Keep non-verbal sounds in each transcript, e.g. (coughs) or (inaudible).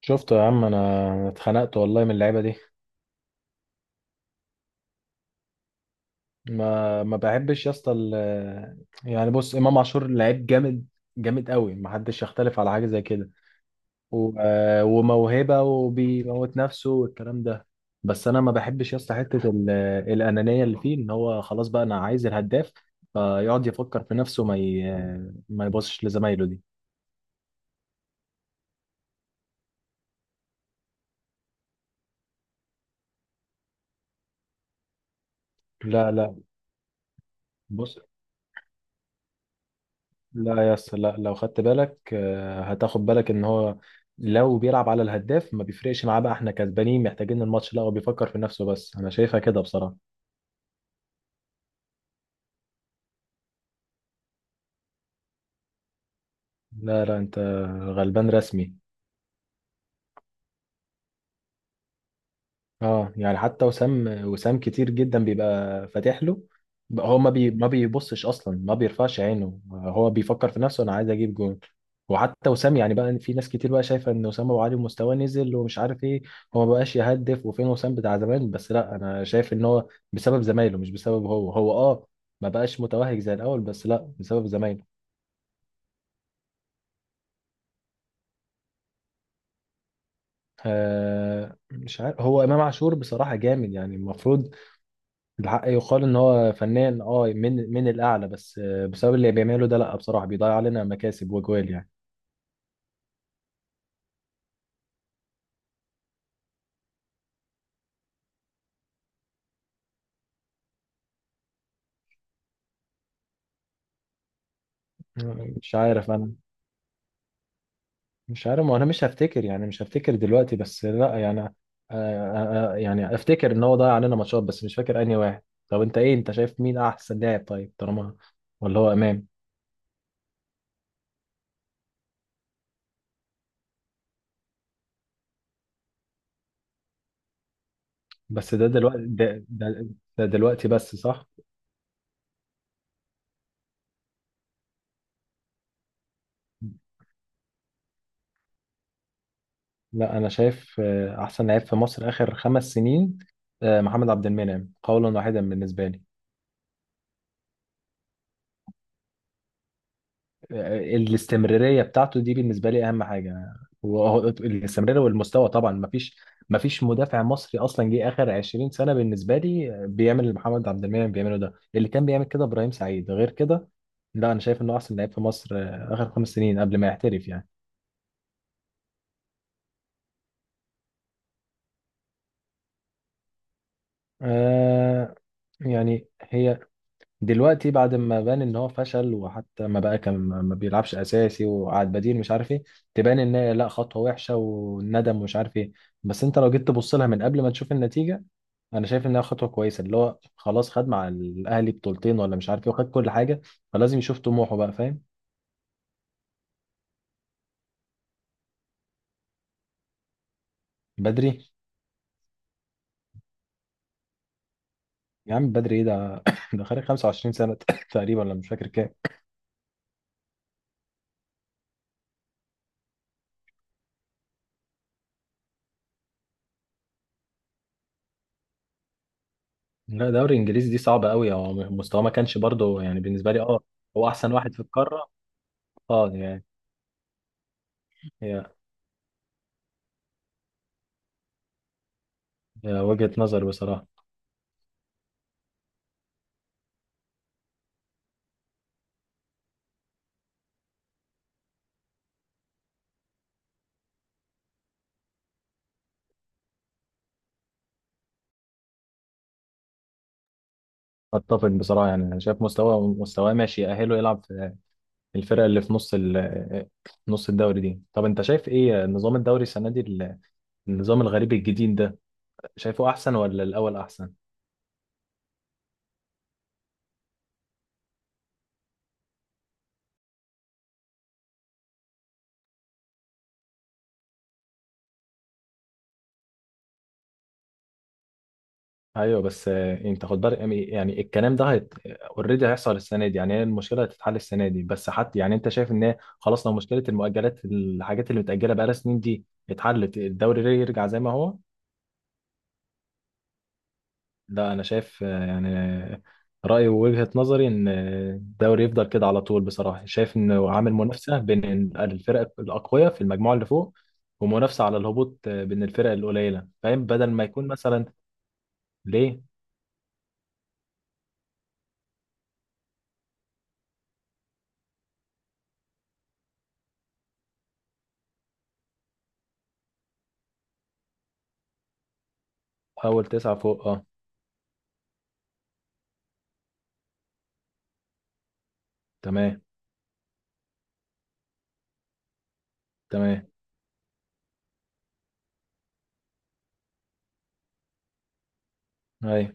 شفت يا عم، انا اتخنقت والله من اللعيبه دي. ما بحبش يا اسطى يعني بص، امام عاشور لعيب جامد، جامد قوي. ما حدش يختلف على حاجه زي كده. وموهبه، وبيموت نفسه والكلام ده. بس انا ما بحبش يا اسطى حته الانانيه اللي فيه، ان هو خلاص بقى انا عايز الهداف، فيقعد يفكر في نفسه، ما يبصش لزمايله دي. لا لا. بص، لا يا اسطى لا، لو خدت بالك آه، هتاخد بالك ان هو لو بيلعب على الهداف ما بيفرقش معاه بقى احنا كسبانين محتاجين الماتش، لا، هو بيفكر في نفسه بس. انا شايفها كده بصراحة. لا لا، انت غلبان رسمي. اه، يعني حتى وسام كتير جدا بيبقى فاتح له، بقى هو ما بيبصش اصلا، ما بيرفعش عينه، هو بيفكر في نفسه، انا عايز اجيب جون. وحتى وسام، يعني بقى في ناس كتير بقى شايفه ان وسام ابو علي مستواه نزل ومش عارف ايه، هو ما بقاش يهدف، وفين وسام بتاع زمان. بس لا، انا شايف ان هو بسبب زمايله، مش بسبب هو. هو اه، ما بقاش متوهج زي الاول، بس لا، بسبب زمايله. آه، مش عارف، هو امام عاشور بصراحه جامد، يعني المفروض الحق يقال ان هو فنان، اه من الاعلى، بس آه، بسبب اللي بيعمله ده لا، بصراحه بيضيع علينا مكاسب وجوال يعني. مش عارف انا، مش عارف، ما انا مش هفتكر، يعني مش هفتكر دلوقتي، بس لا يعني يعني افتكر ان هو ضيع علينا ماتشات بس مش فاكر انهي واحد. طب انت ايه، انت شايف مين احسن لاعب؟ طيب طالما، ولا هو امام؟ بس ده دلوقتي، ده دلوقتي بس، صح. لا، انا شايف آه، احسن لعيب في مصر اخر 5 سنين آه، محمد عبد المنعم قولا واحدا بالنسبه لي. الاستمرارية بتاعته دي بالنسبة لي أهم حاجة، وهو الاستمرارية والمستوى طبعا. مفيش مدافع مصري أصلا جه آخر 20 سنة بالنسبة لي بيعمل اللي محمد عبد المنعم بيعمله ده. اللي كان بيعمل كده إبراهيم سعيد، غير كده لا، أنا شايف إنه أحسن لعيب في مصر آخر 5 سنين قبل ما يحترف يعني. آه، يعني هي دلوقتي بعد ما بان ان هو فشل، وحتى ما بقى، كان ما بيلعبش اساسي وقعد بديل مش عارف ايه، تبان ان هي لا، خطوه وحشه، والندم ومش عارف ايه. بس انت لو جيت تبص لها من قبل ما تشوف النتيجه، انا شايف انها خطوه كويسه. اللي هو خلاص خد مع الاهلي بطولتين ولا مش عارف ايه، وخد كل حاجه، فلازم يشوف طموحه بقى، فاهم. بدري؟ يا عم، بدري ايه ده؟ (coughs) ده خارج 25 سنه (laughs) (coughs) تقريبا، ولا مش فاكر كام. لا، دوري انجليزي دي صعبه قوي، هو مستواه ما كانش برضه، يعني بالنسبه لي اه. هو احسن واحد في القاره. اه، يعني هي وجهة نظر بصراحة. اتفق بصراحة، يعني انا شايف مستواه، مستواه ماشي يأهله يلعب في الفرقة اللي في نص نص الدوري دي. طب انت شايف ايه نظام الدوري السنة دي، النظام الغريب الجديد ده؟ شايفه احسن ولا الاول احسن؟ ايوه بس آه، انت خد بالك، يعني، يعني الكلام ده هيت اوريدي هيحصل السنة دي، يعني هي المشكلة هتتحل السنة دي بس. حتى، يعني انت شايف ان هي خلاص لو مشكلة المؤجلات، الحاجات اللي متأجلة بقالها سنين دي، اتحلت، الدوري يرجع زي ما هو؟ لا، انا شايف آه، يعني رايي ووجهه نظري ان الدوري يفضل كده على طول. بصراحه شايف انه عامل منافسه بين الفرق الاقوياء في المجموعه اللي فوق، ومنافسه على الهبوط آه، بين الفرق القليله فاهم، بدل ما يكون مثلا. ليه؟ اول 9 فوق، اه. تمام. تمام. اي.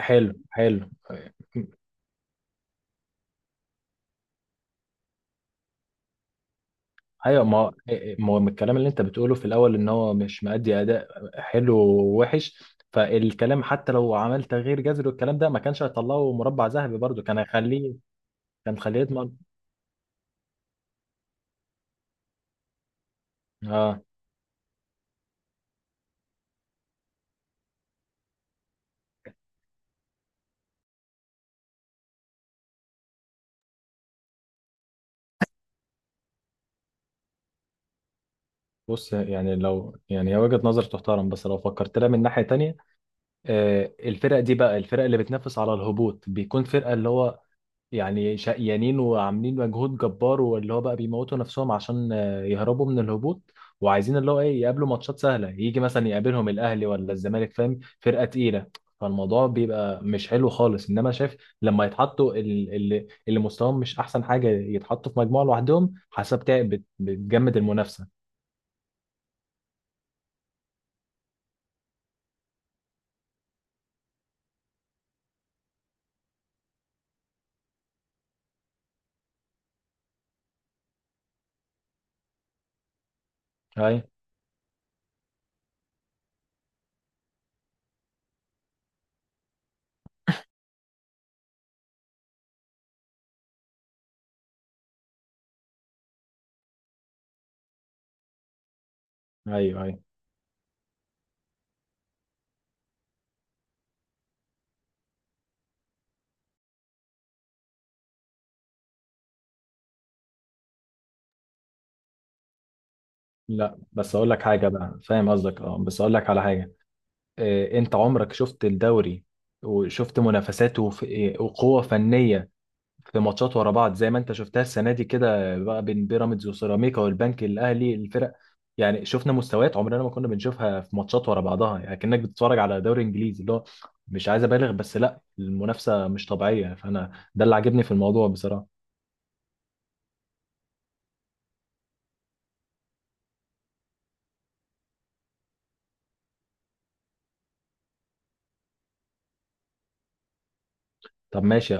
حلو، حلو. ايوه، ما هو من الكلام اللي انت بتقوله في الاول ان هو مش مأدي اداء حلو ووحش، فالكلام، حتى لو عمل تغيير جذري والكلام ده ما كانش هيطلعه مربع ذهبي، برضه كان هيخليه، كان خليه يضمن. اه، بص يعني، لو، يعني هي وجهة نظر تحترم، بس لو فكرت لها من ناحية تانية آه، الفرق دي بقى، الفرق اللي بتنافس على الهبوط بيكون فرقة اللي هو، يعني شقيانين وعاملين مجهود جبار واللي هو بقى بيموتوا نفسهم عشان آه، يهربوا من الهبوط، وعايزين اللي هو ايه يقابلوا ماتشات سهله، يجي مثلا يقابلهم الاهلي ولا الزمالك فاهم، فرقه تقيله، فالموضوع بيبقى مش حلو خالص. انما شايف، لما يتحطوا اللي مستواهم مش احسن حاجه يتحطوا في مجموعه لوحدهم، حسب بتجمد المنافسه. اي، ايوه ايوه. لا بس اقول لك حاجه بقى، فاهم قصدك اه، بس اقول لك على حاجه آه، انت عمرك شفت الدوري، وشفت منافساته وقوة فنية في ماتشات ورا بعض زي ما انت شفتها السنة دي كده بقى، بين بيراميدز وسيراميكا والبنك الأهلي، الفرق. يعني شفنا مستويات عمرنا ما كنا بنشوفها في ماتشات ورا بعضها، يعني كأنك بتتفرج على دوري انجليزي اللي هو، مش عايز ابالغ بس لا، المنافسة مش طبيعية، فانا ده اللي عاجبني في الموضوع بصراحة. طب ماشي،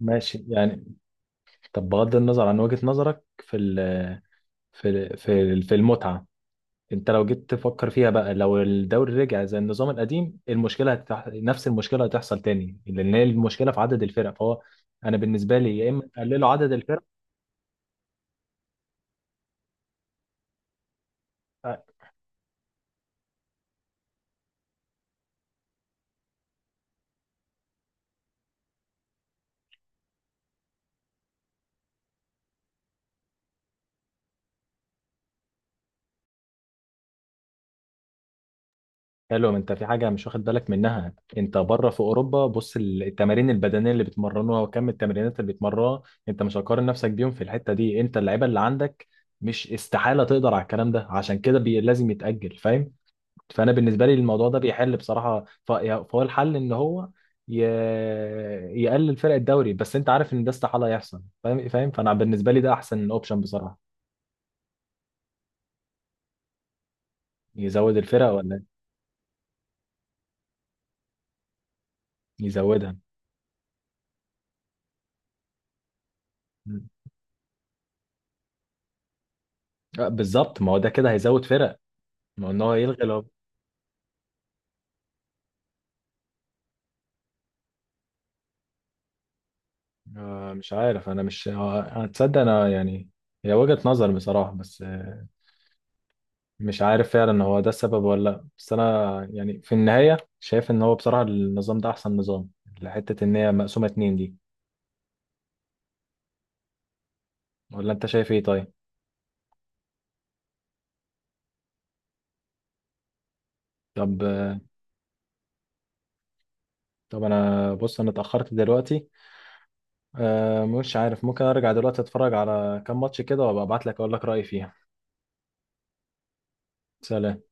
ماشي يعني. طب بغض النظر عن وجهة نظرك في ال في في المتعة، انت لو جيت تفكر فيها بقى، لو الدوري رجع زي النظام القديم، نفس المشكله هتحصل تاني، لان هي المشكله في عدد الفرق، فهو انا بالنسبه لي، يا اما تقللوا عدد الفرق آه، حلو. انت في حاجه مش واخد بالك منها، انت بره في اوروبا بص التمارين البدنيه اللي بيتمرنوها، وكم التمرينات اللي بيتمرنوها، انت مش هتقارن نفسك بيهم في الحته دي. انت اللعيبه اللي عندك مش استحاله تقدر على الكلام ده، عشان كده لازم يتاجل، فاهم؟ فانا بالنسبه لي الموضوع ده بيحل بصراحه، فهو الحل ان هو ي... يقلل فرق الدوري، بس انت عارف ان ده استحاله يحصل، فاهم، فاهم، فانا بالنسبه لي ده احسن اوبشن بصراحه. يزود الفرق ولا إيه؟ يزودها. مم. آه، بالظبط، ما هو ده كده هيزود فرق. ما هو ان هو يلغي. آه، مش عارف انا، مش آه، هتصدق انا يعني، هي وجهه نظر بصراحه بس آه، مش عارف فعلا هو ده السبب ولا لا، بس انا يعني في النهايه شايف ان هو بصراحه النظام ده احسن نظام، لحته ان هي مقسومه 2 دي. ولا انت شايف ايه؟ طيب. طب طب انا، بص، انا اتاخرت دلوقتي، أه مش عارف، ممكن ارجع دلوقتي اتفرج على كام ماتش كده، وابقى ابعت لك اقول لك رايي فيها. سلام.